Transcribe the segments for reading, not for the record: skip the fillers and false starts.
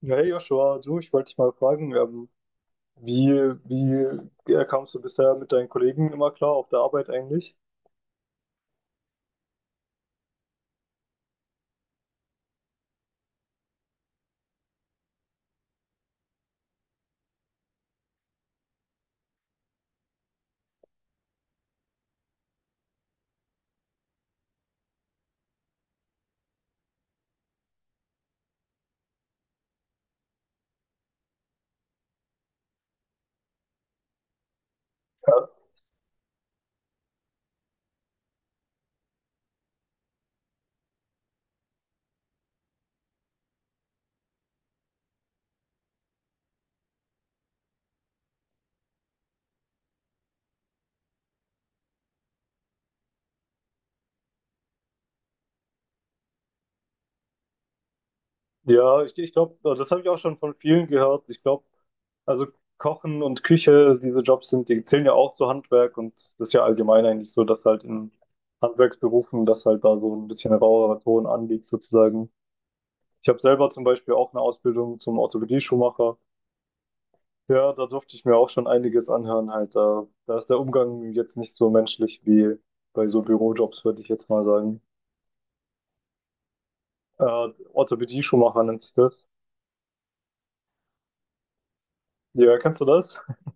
Ja, hey Joshua, du, ich wollte dich mal fragen, wie, wie kamst du bisher mit deinen Kollegen immer klar auf der Arbeit eigentlich? Ja, ja, ich glaube, das habe ich auch schon von vielen gehört. Ich glaube, also Kochen und Küche, diese Jobs sind, die zählen ja auch zu Handwerk, und das ist ja allgemein eigentlich so, dass halt in Handwerksberufen, dass halt da so ein bisschen ein rauerer Ton anliegt sozusagen. Ich habe selber zum Beispiel auch eine Ausbildung zum Orthopädie-Schuhmacher. Ja, da durfte ich mir auch schon einiges anhören halt. Da ist der Umgang jetzt nicht so menschlich wie bei so Bürojobs, würde ich jetzt mal sagen. Orthopädie Schuhmacher nennt sich das. Ja, kennst du das?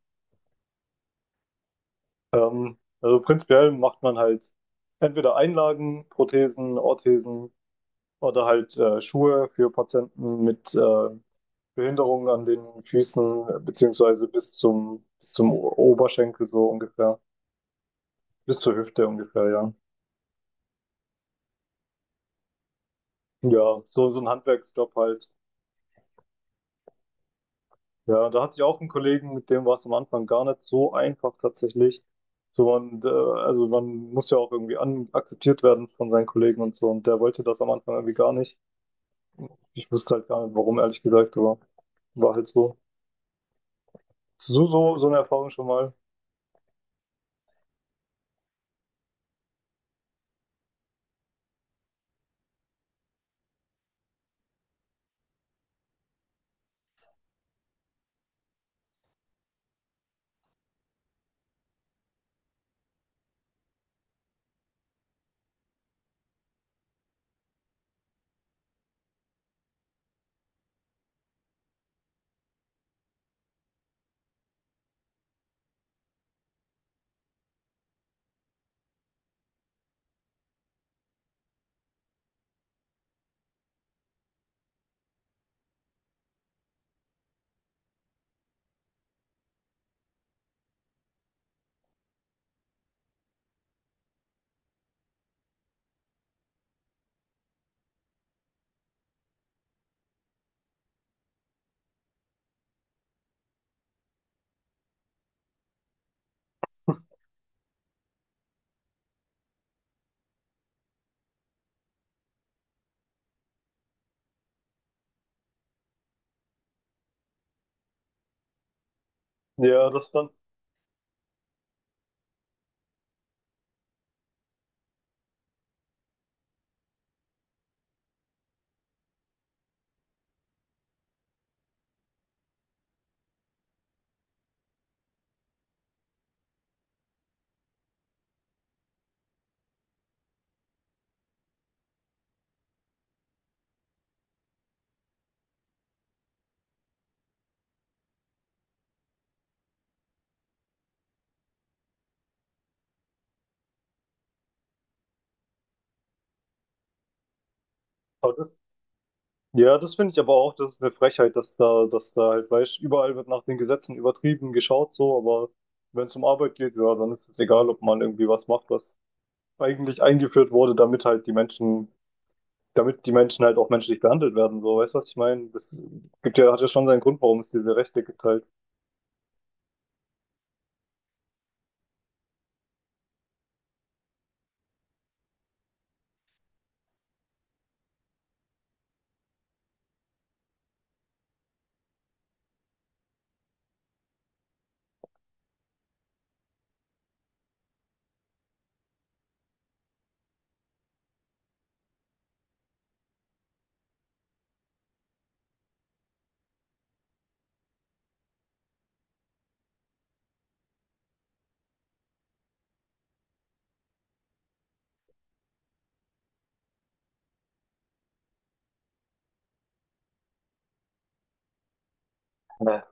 Also prinzipiell macht man halt entweder Einlagen, Prothesen, Orthesen oder halt Schuhe für Patienten mit Behinderungen an den Füßen, beziehungsweise Oberschenkel so ungefähr, bis zur Hüfte ungefähr, ja. Ja, so, so ein Handwerksjob halt. Ja, da hatte ich auch einen Kollegen, mit dem war es am Anfang gar nicht so einfach tatsächlich. Also man muss ja auch irgendwie an akzeptiert werden von seinen Kollegen und so. Und der wollte das am Anfang irgendwie gar nicht. Ich wusste halt gar nicht, warum, ehrlich gesagt, aber war halt so. So, so, so eine Erfahrung schon mal. Ja, das dann. Aber das, ja, das finde ich aber auch, das ist eine Frechheit, dass da halt, weißt, überall wird nach den Gesetzen übertrieben geschaut, so, aber wenn es um Arbeit geht, ja, dann ist es egal, ob man irgendwie was macht, was eigentlich eingeführt wurde, damit halt die Menschen damit die Menschen halt auch menschlich behandelt werden, so, weißt du, was ich meine? Das gibt ja, hat ja schon seinen Grund, warum es diese Rechte gibt halt. Ja.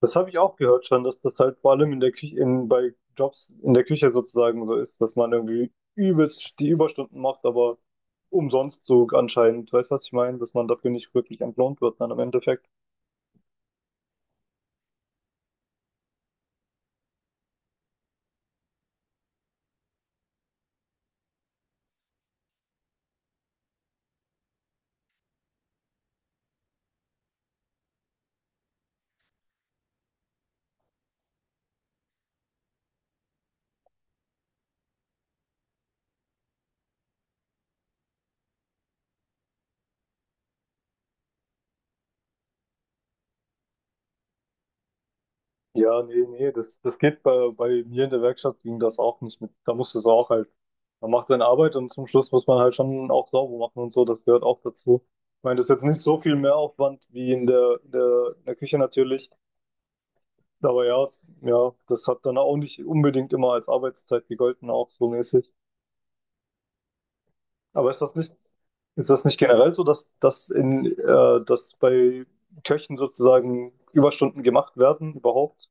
Das habe ich auch gehört schon, dass das halt vor allem in der Küche, in, bei Jobs in der Küche sozusagen so ist, dass man irgendwie übelst die Überstunden macht, aber umsonst so anscheinend, weißt du, was ich meine? Dass man dafür nicht wirklich entlohnt wird dann im Endeffekt. Ja, nee, nee, das geht bei, bei mir in der Werkstatt ging das auch nicht mit. Da musste es auch halt, man macht seine Arbeit und zum Schluss muss man halt schon auch sauber machen und so, das gehört auch dazu. Ich meine, das ist jetzt nicht so viel mehr Aufwand wie in der, in der, in der Küche natürlich, aber ja, es, ja, das hat dann auch nicht unbedingt immer als Arbeitszeit gegolten, auch so mäßig. Aber ist das nicht generell so, dass bei Köchen sozusagen Überstunden gemacht werden überhaupt?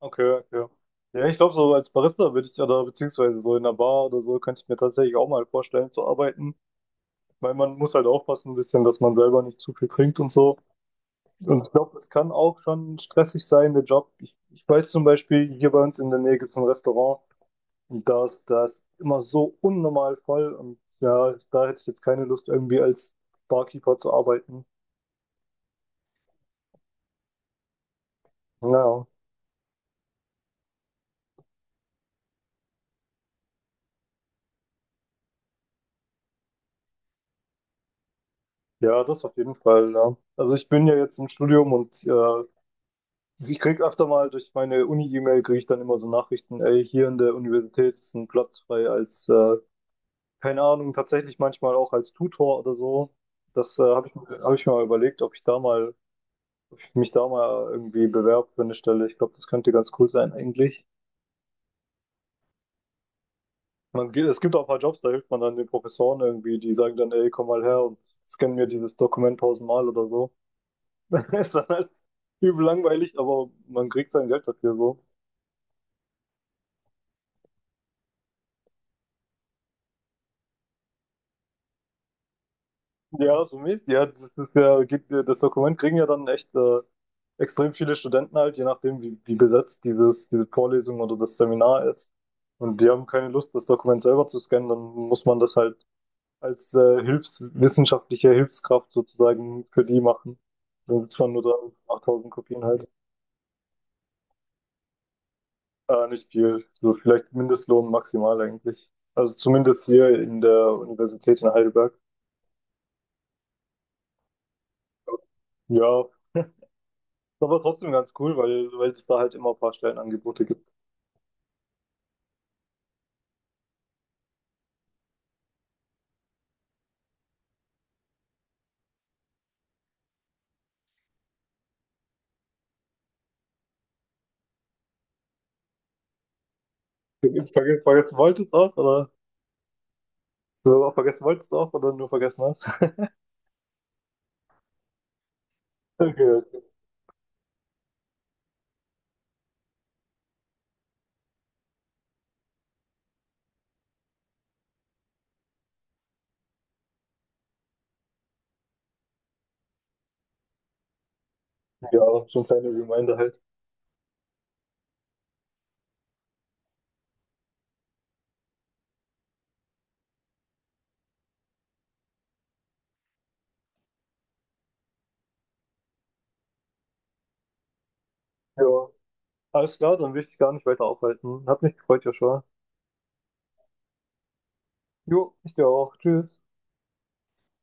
Okay, okay. Ja, ich glaube, so als Barista würde ich ja da, beziehungsweise so in einer Bar oder so, könnte ich mir tatsächlich auch mal vorstellen zu arbeiten, weil man muss halt aufpassen ein bisschen, dass man selber nicht zu viel trinkt und so. Und ich glaube, es kann auch schon stressig sein, der Job. Ich weiß zum Beispiel, hier bei uns in der Nähe gibt es ein Restaurant, und das ist, ist immer so unnormal voll, und ja, da hätte ich jetzt keine Lust, irgendwie als Barkeeper zu arbeiten. Ja, ja, das auf jeden Fall, ja. Also ich bin ja jetzt im Studium, und also ich krieg öfter mal durch meine Uni-E-Mail, kriege ich dann immer so Nachrichten, ey, hier in der Universität ist ein Platz frei als, keine Ahnung, tatsächlich manchmal auch als Tutor oder so. Das hab ich mir mal überlegt, ob ich mich da mal irgendwie bewerbe für eine Stelle. Ich glaube, das könnte ganz cool sein eigentlich. Man, es gibt auch ein paar Jobs, da hilft man dann den Professoren irgendwie, die sagen dann, ey, komm mal her und scan mir dieses Dokument tausendmal oder so. Ist dann halt übel langweilig, aber man kriegt sein Geld dafür so. Ja, so Mist. Ja, das ist ja, geht, das Dokument kriegen ja dann echt extrem viele Studenten halt, je nachdem, wie besetzt dieses, diese Vorlesung oder das Seminar ist. Und die haben keine Lust, das Dokument selber zu scannen, dann muss man das halt als Hilfskraft sozusagen für die machen. Dann sitzt man nur da mit 8000 Kopien halt. Nicht viel, so vielleicht Mindestlohn maximal eigentlich. Also zumindest hier in der Universität in Heidelberg. Ja, ist aber trotzdem ganz cool, weil, weil es da halt immer ein paar Stellenangebote gibt. Vergessen wolltest auch, oder? Du auch vergessen wolltest auch, oder nur vergessen hast? Okay, okay, ja, so ein kleiner Reminder halt. Ja, alles klar, dann will ich dich gar nicht weiter aufhalten. Hat mich gefreut, Joshua. Jo, ich dir auch. Tschüss.